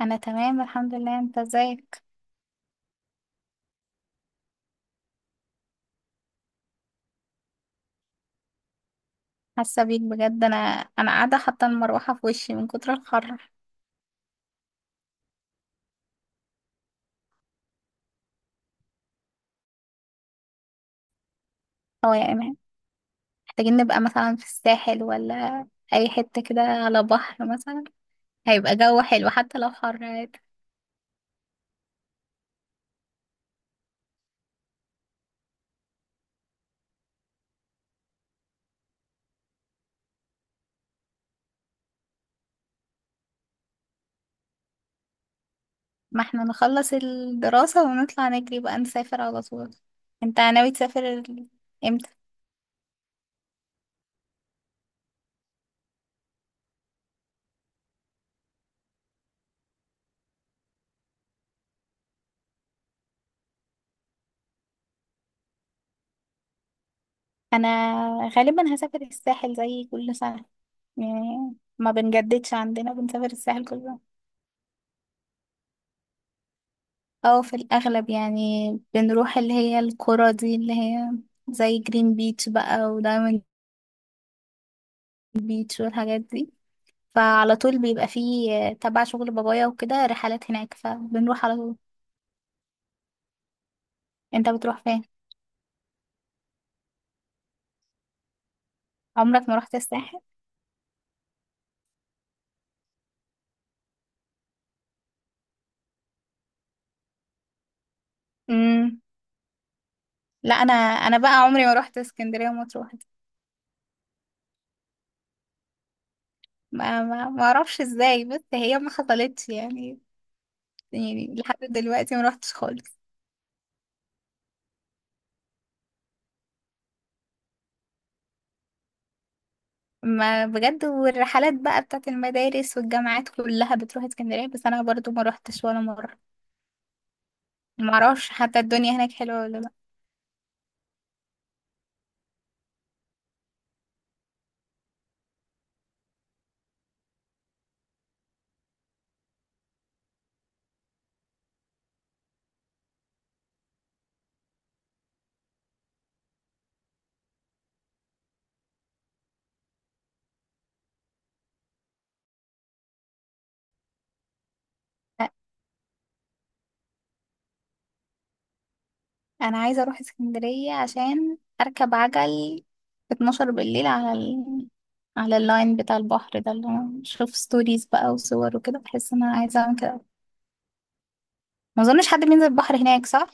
انا تمام الحمد لله. انت ازيك؟ حاسه بيك بجد. انا قاعده حاطه المروحه في وشي من كتر الحر. هو يا ايمان، محتاجين نبقى مثلا في الساحل، ولا اي حته كده على بحر مثلا، هيبقى جو حلو حتى لو حر عادي. ما احنا نخلص الدراسه ونطلع نجري بقى، نسافر على طول. انت ناوي تسافر امتى؟ انا غالبا هسافر الساحل زي كل سنه، يعني ما بنجددش، عندنا بنسافر الساحل كل سنه. او في الاغلب يعني بنروح اللي هي القرى دي، اللي هي زي جرين بيتش بقى، ودايموند بيتش والحاجات دي. فعلى طول بيبقى فيه تبع شغل بابايا وكده رحلات هناك، فبنروح على طول. انت بتروح فين؟ عمرك ما رحت الساحل؟ امم لا، انا بقى عمري ما رحت اسكندريه ومطروح دي. ما اعرفش ازاي، بس هي ما حصلتش يعني، يعني لحد دلوقتي ما رحتش خالص. ما بجد، والرحلات بقى بتاعت المدارس والجامعات كلها بتروح اسكندرية، بس انا برضو ما روحتش ولا مرة. ما اعرفش حتى الدنيا هناك حلوة ولا لا. انا عايزة اروح اسكندرية عشان اركب عجل في 12 بالليل على على اللاين بتاع البحر ده، اللي انا بشوف ستوريز بقى وصور وكده، بحس ان انا عايزة اعمل كده. ما اظنش حد بينزل البحر هناك، صح؟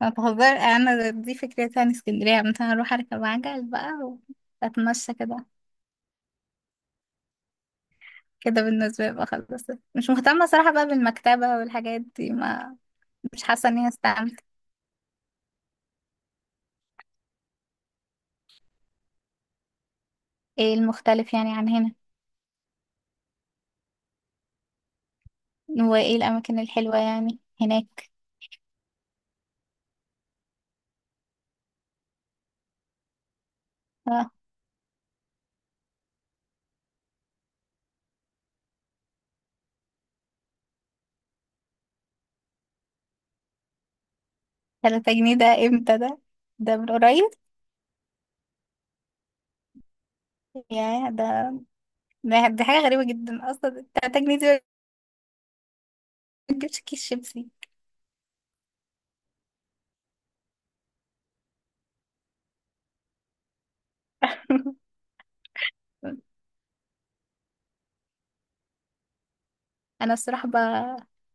ما بهزر، انا دي فكرتي عن اسكندرية، مثلا اروح اركب عجل بقى واتمشى كده. كده بالنسبة لي بقى خلاص. مش مهتمة صراحة بقى بالمكتبة والحاجات دي ما. مش حاسة اني استعملت. ايه المختلف يعني عن هنا؟ وايه الأماكن الحلوة يعني هناك؟ اه، تلاتة جنيه ده امتى ده؟ ده من قريب. يا ده، دي حاجة غريبة جدا أصلا. تلاتة جنيه دي ما تجيبش كيس شيبسي. أنا الصراحة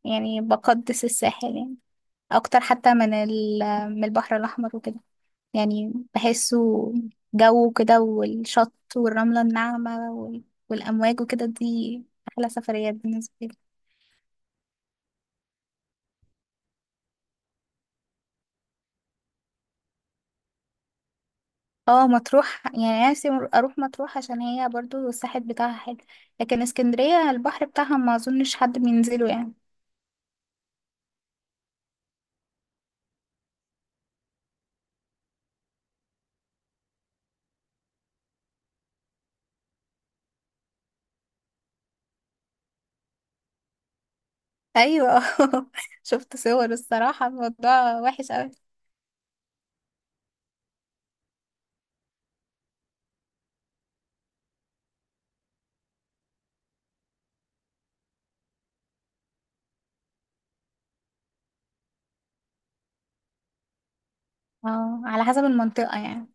يعني بقدس الساحل، يعني أكتر حتى من من البحر الأحمر وكده. يعني بحسه جو كده، والشط والرملة الناعمة والأمواج وكده، دي أحلى سفريات بالنسبة لي. اه مطروح، يعني نفسي أروح مطروح، عشان هي برضو الساحل بتاعها حلو. لكن اسكندرية البحر بتاعها ما أظنش حد بينزله يعني. أيوة. شفت صور الصراحة، الموضوع وحش أوي. اه، على حسب المنطقة يعني.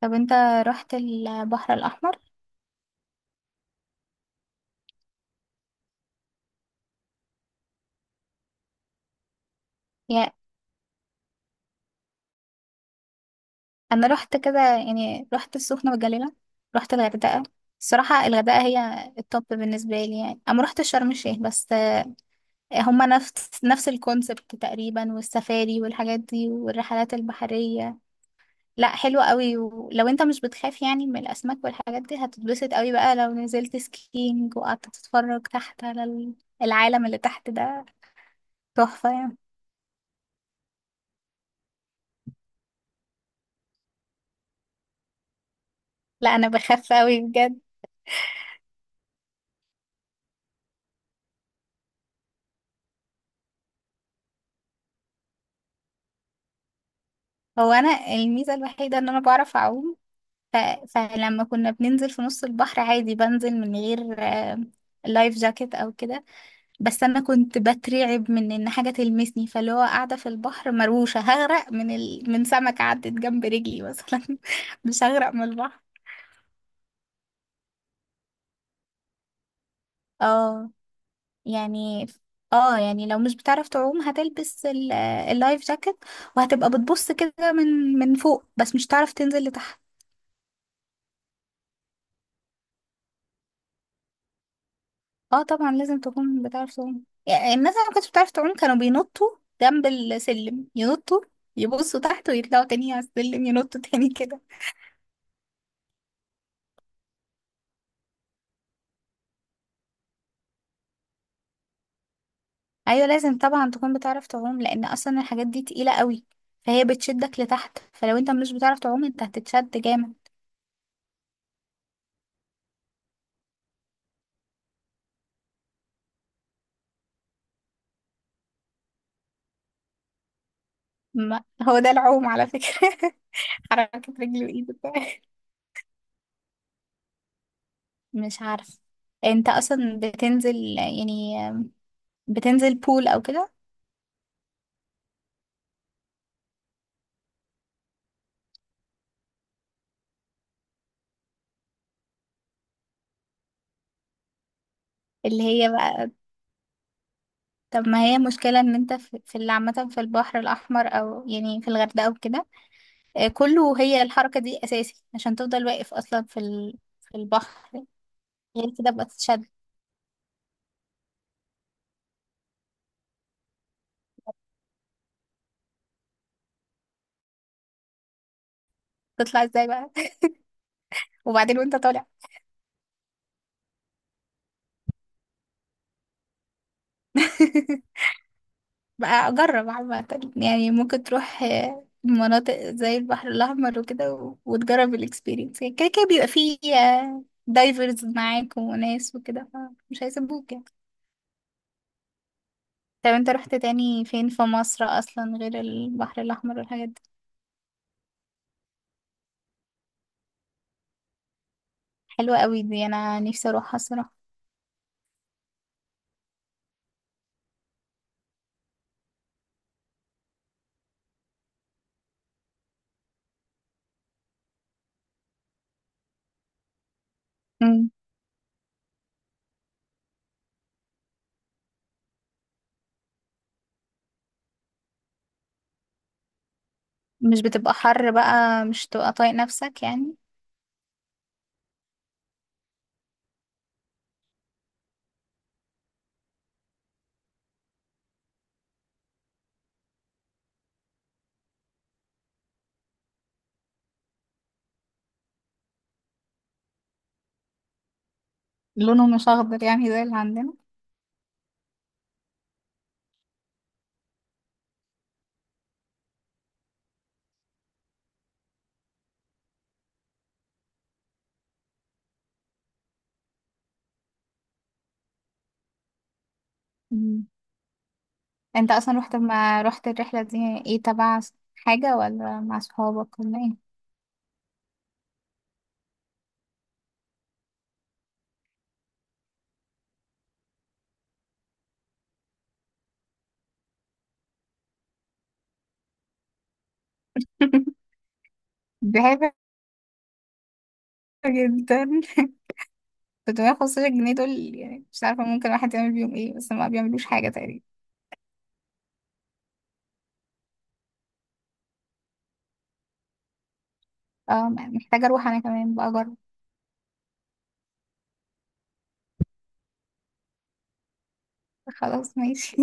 طب انت رحت البحر الأحمر؟ يعني انا رحت كده، يعني رحت السخنه والجليله، رحت الغردقه. الصراحه الغردقه هي التوب بالنسبه لي، يعني انا ما رحت شرم الشيخ بس هما نفس الكونسبت تقريبا، والسفاري والحاجات دي والرحلات البحريه. لا حلوه قوي، ولو انت مش بتخاف يعني من الاسماك والحاجات دي، هتتبسط قوي بقى لو نزلت سكينج وقعدت تتفرج تحت على العالم اللي تحت ده، تحفه يعني. لا انا بخاف قوي بجد. هو انا الميزه الوحيده ان انا بعرف اعوم. ف... فلما كنا بننزل في نص البحر عادي بنزل من غير لايف جاكيت او كده. بس انا كنت بترعب من ان حاجه تلمسني، فاللي هو قاعده في البحر مروشه هغرق من من سمكه عدت جنب رجلي مثلا. مش هغرق من البحر. اه يعني. اه يعني لو مش بتعرف تعوم هتلبس اللايف جاكيت، وهتبقى بتبص كده من فوق بس مش هتعرف تنزل لتحت. اه طبعا لازم تكون بتعرف تعوم، يعني الناس اللي ما كانتش بتعرف تعوم كانوا بينطوا جنب السلم، ينطوا، يبصوا تحت ويطلعوا تاني على السلم، ينطوا تاني كده. ايوه، لازم طبعا تكون بتعرف تعوم لان اصلا الحاجات دي تقيلة قوي، فهي بتشدك لتحت، فلو انت مش بتعرف تعوم انت هتتشد جامد. ما هو ده العوم على فكرة. حركة رجل وايد وبتاع. مش عارف، انت اصلا بتنزل يعني، بتنزل بول او كده؟ اللي هي بقى، طب ما هي مشكلة ان انت في اللي عامة في البحر الأحمر او يعني في الغردقة او كده. كله هي الحركة دي أساسي عشان تفضل واقف أصلا في في البحر. غير كده بقى تتشد. تطلع ازاي بقى؟ وبعدين وانت طالع. بقى أجرب عامة، يعني ممكن تروح مناطق زي البحر الأحمر وكده، وتجرب الإكسبيرينس. كده كده بيبقى فيه دايفرز معاك وناس وكده، فمش هيسيبوك يعني. طب انت رحت تاني فين في مصر أصلا غير البحر الأحمر والحاجات دي؟ حلوة قوي دي، انا نفسي اروحها الصراحة. مم. مش بتبقى حر بقى؟ مش تبقى طايق نفسك يعني؟ لونه مش اخضر يعني زي اللي عندنا؟ مم. انت اصلا رحت، ما رحت الرحلة دي ايه، تبع حاجة، ولا مع صحابك، ولا ايه؟ دي حاجة جدا. 315 جنيه دول، يعني مش عارفة ممكن الواحد يعمل بيهم ايه، بس ما بيعملوش حاجة تقريبا. اه محتاجة اروح انا كمان بقى اجرب. خلاص ماشي.